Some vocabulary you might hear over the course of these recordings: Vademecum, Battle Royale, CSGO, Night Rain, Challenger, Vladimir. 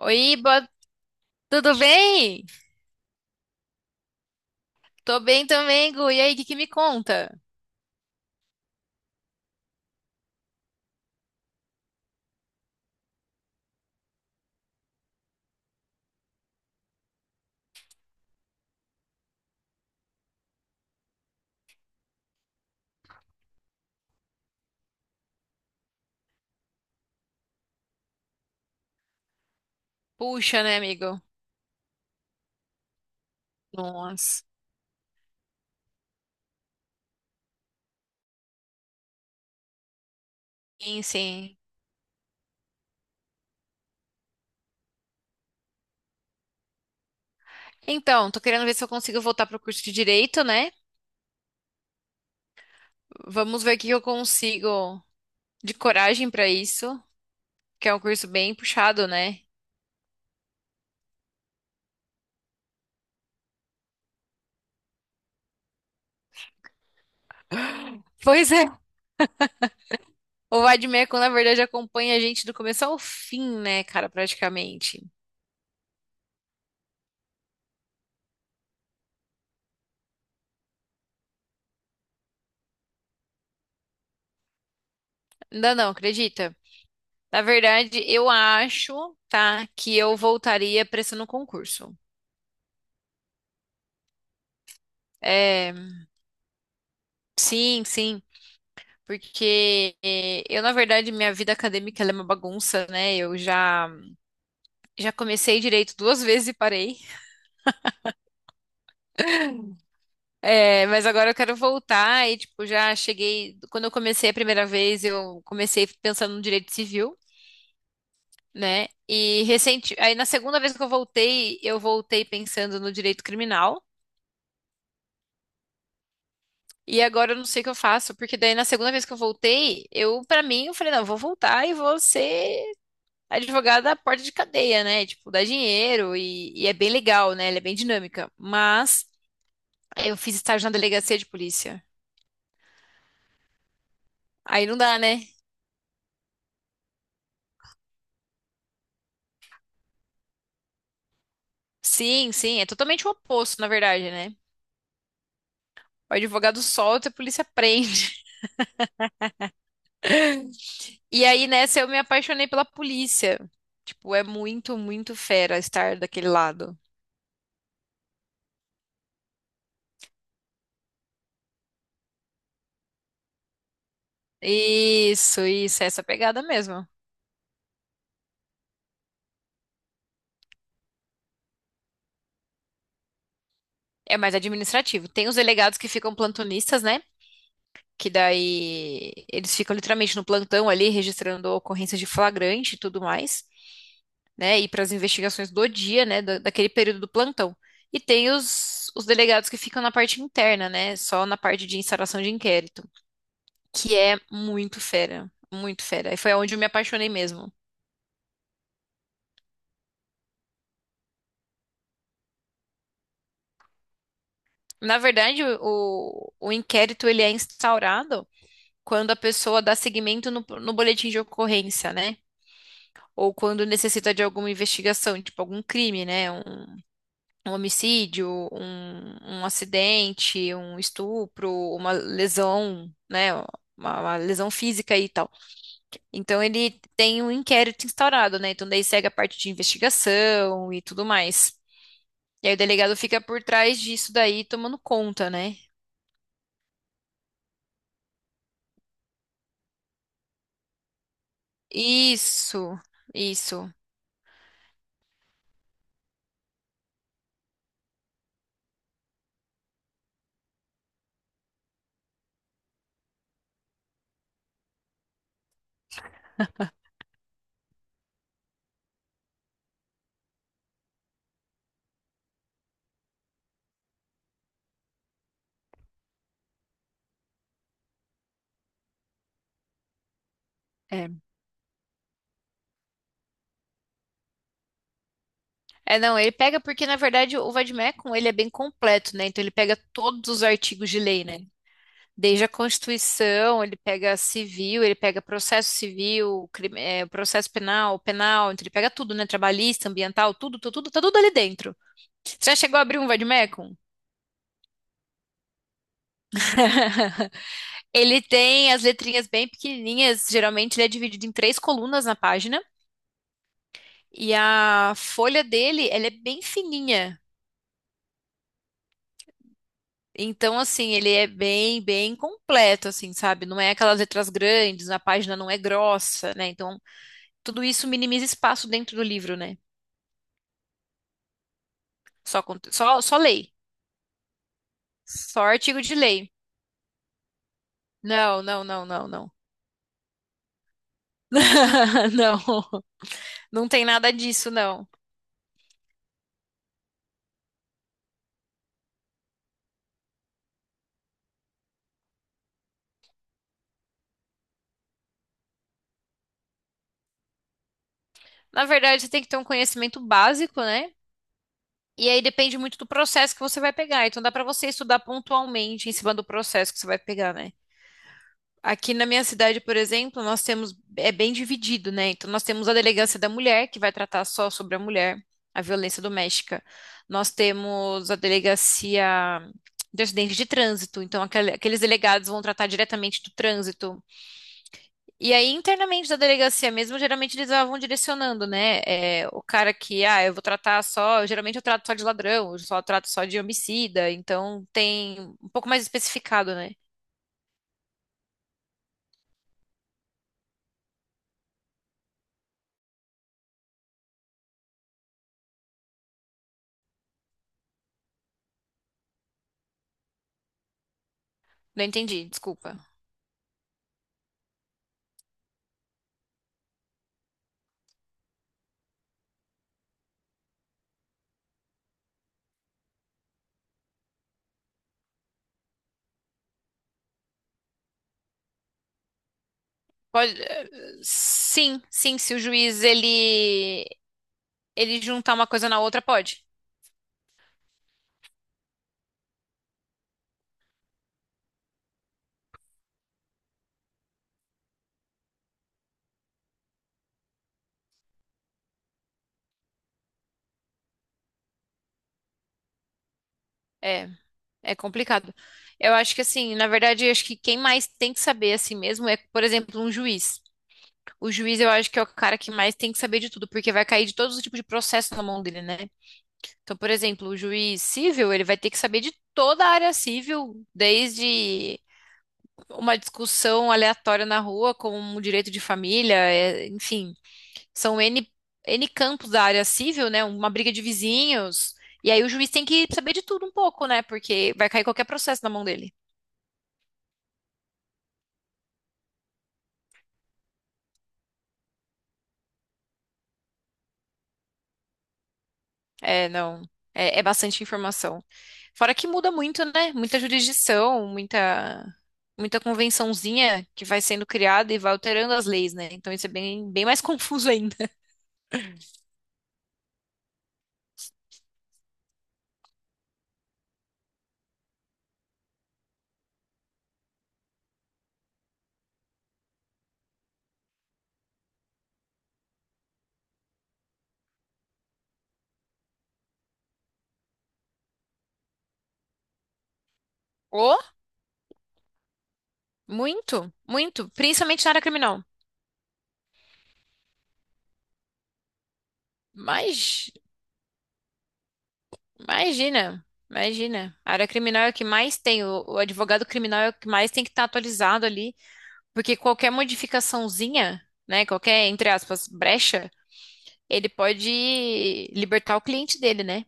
Oi, boa... tudo bem? Tô bem também, Gu. E aí, o que que me conta? Puxa, né, amigo? Nossa. Sim, sim. Então, tô querendo ver se eu consigo voltar pro curso de Direito, né? Vamos ver o que que eu consigo de coragem pra isso, que é um curso bem puxado, né? Pois é. O Vademecum, na verdade, acompanha a gente do começo ao fim, né, cara, praticamente. Ainda não, acredita? Na verdade, eu acho, tá, que eu voltaria prestando concurso. É, sim, sim. Porque eu, na verdade, minha vida acadêmica ela é uma bagunça, né? Já comecei direito duas vezes e parei. É, mas agora eu quero voltar e, tipo, já cheguei. Quando eu comecei a primeira vez, eu comecei pensando no direito civil, né? E recente. Aí, na segunda vez que eu voltei pensando no direito criminal. E agora eu não sei o que eu faço, porque daí na segunda vez que eu voltei, eu, pra mim, eu falei, não, eu vou voltar e vou ser advogada da porta de cadeia, né? Tipo, dá dinheiro e é bem legal, né? Ela é bem dinâmica. Mas eu fiz estágio na delegacia de polícia. Aí não dá, né? Sim, sim, é totalmente o oposto, na verdade, né? O advogado solta e a polícia prende. E aí nessa eu me apaixonei pela polícia. Tipo, é muito, muito fera estar daquele lado. Isso, é essa pegada mesmo. É mais administrativo. Tem os delegados que ficam plantonistas, né? Que daí eles ficam literalmente no plantão ali, registrando ocorrências de flagrante e tudo mais, né? E para as investigações do dia, né? Daquele período do plantão. E tem os delegados que ficam na parte interna, né? Só na parte de instauração de inquérito, que é muito fera, muito fera. E foi onde eu me apaixonei mesmo. Na verdade, o inquérito ele é instaurado quando a pessoa dá seguimento no boletim de ocorrência, né? Ou quando necessita de alguma investigação, tipo algum crime, né? Um homicídio, um acidente, um estupro, uma lesão, né? Uma lesão física e tal. Então ele tem um inquérito instaurado, né? Então daí segue a parte de investigação e tudo mais. E aí o delegado fica por trás disso daí, tomando conta, né? Isso, isso. É. É, não, ele pega porque, na verdade, o Vademécum, ele é bem completo, né? Então ele pega todos os artigos de lei, né? Desde a Constituição, ele pega civil, ele pega processo civil, processo penal, penal, então ele pega tudo, né? Trabalhista, ambiental, tudo, tudo, tudo, tá tudo ali dentro. Você já chegou a abrir um vademecum? Ele tem as letrinhas bem pequenininhas, geralmente ele é dividido em três colunas na página, e a folha dele, ela é bem fininha. Então, assim, ele é bem, bem completo, assim, sabe? Não é aquelas letras grandes, a página não é grossa, né? Então, tudo isso minimiza espaço dentro do livro, né? Só, só lei. Só artigo de lei. Não, não, não, não, não. Não, não tem nada disso, não. Na verdade, você tem que ter um conhecimento básico, né? E aí depende muito do processo que você vai pegar. Então dá pra você estudar pontualmente em cima do processo que você vai pegar, né? Aqui na minha cidade, por exemplo, nós temos, é bem dividido, né? Então, nós temos a delegacia da mulher, que vai tratar só sobre a mulher, a violência doméstica. Nós temos a delegacia de acidente de trânsito, então aqueles delegados vão tratar diretamente do trânsito. E aí, internamente da delegacia mesmo, geralmente eles vão direcionando, né? É, o cara que, ah, eu vou tratar só, geralmente eu trato só de ladrão, eu só trato só de homicida, então tem um pouco mais especificado, né? Não entendi, desculpa. Pode, sim, sim, se o juiz ele juntar uma coisa na outra, pode. É, é complicado. Eu acho que assim, na verdade, eu acho que quem mais tem que saber assim mesmo é, por exemplo, um juiz. O juiz eu acho que é o cara que mais tem que saber de tudo, porque vai cair de todos os tipos de processo na mão dele, né? Então, por exemplo, o juiz civil, ele vai ter que saber de toda a área civil, desde uma discussão aleatória na rua, como um direito de família, é, enfim. São N campos da área civil, né? Uma briga de vizinhos. E aí o juiz tem que saber de tudo um pouco, né? Porque vai cair qualquer processo na mão dele. É, não. É, é bastante informação. Fora que muda muito, né? Muita jurisdição, muita convençãozinha que vai sendo criada e vai alterando as leis, né? Então isso é bem, bem mais confuso ainda. Oh, muito, muito. Principalmente na área criminal. Mas. Imagina, imagina. A área criminal é o que mais tem, o advogado criminal é o que mais tem que estar atualizado ali, porque qualquer modificaçãozinha, né, qualquer, entre aspas, brecha, ele pode libertar o cliente dele, né?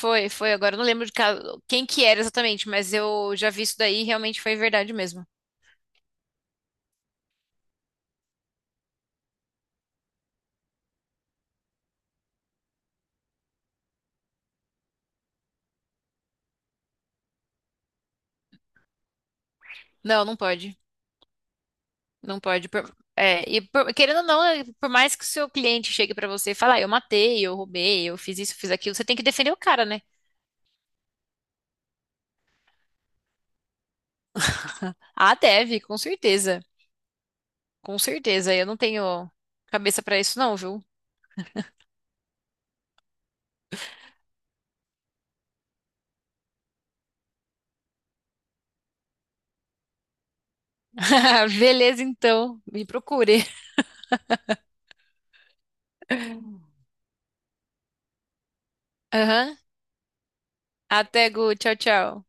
Foi, foi, agora eu não lembro quem que era exatamente, mas eu já vi isso daí e realmente foi verdade mesmo. Não, não pode, não pode. É, querendo ou não, é, por mais que o seu cliente chegue pra você e fale, ah, eu matei, eu roubei, eu fiz isso, fiz aquilo, você tem que defender o cara, né? Ah, deve, com certeza. Com certeza, eu não tenho cabeça pra isso não, viu? Beleza, então, me procure. Aham. Até, Gu, tchau, tchau.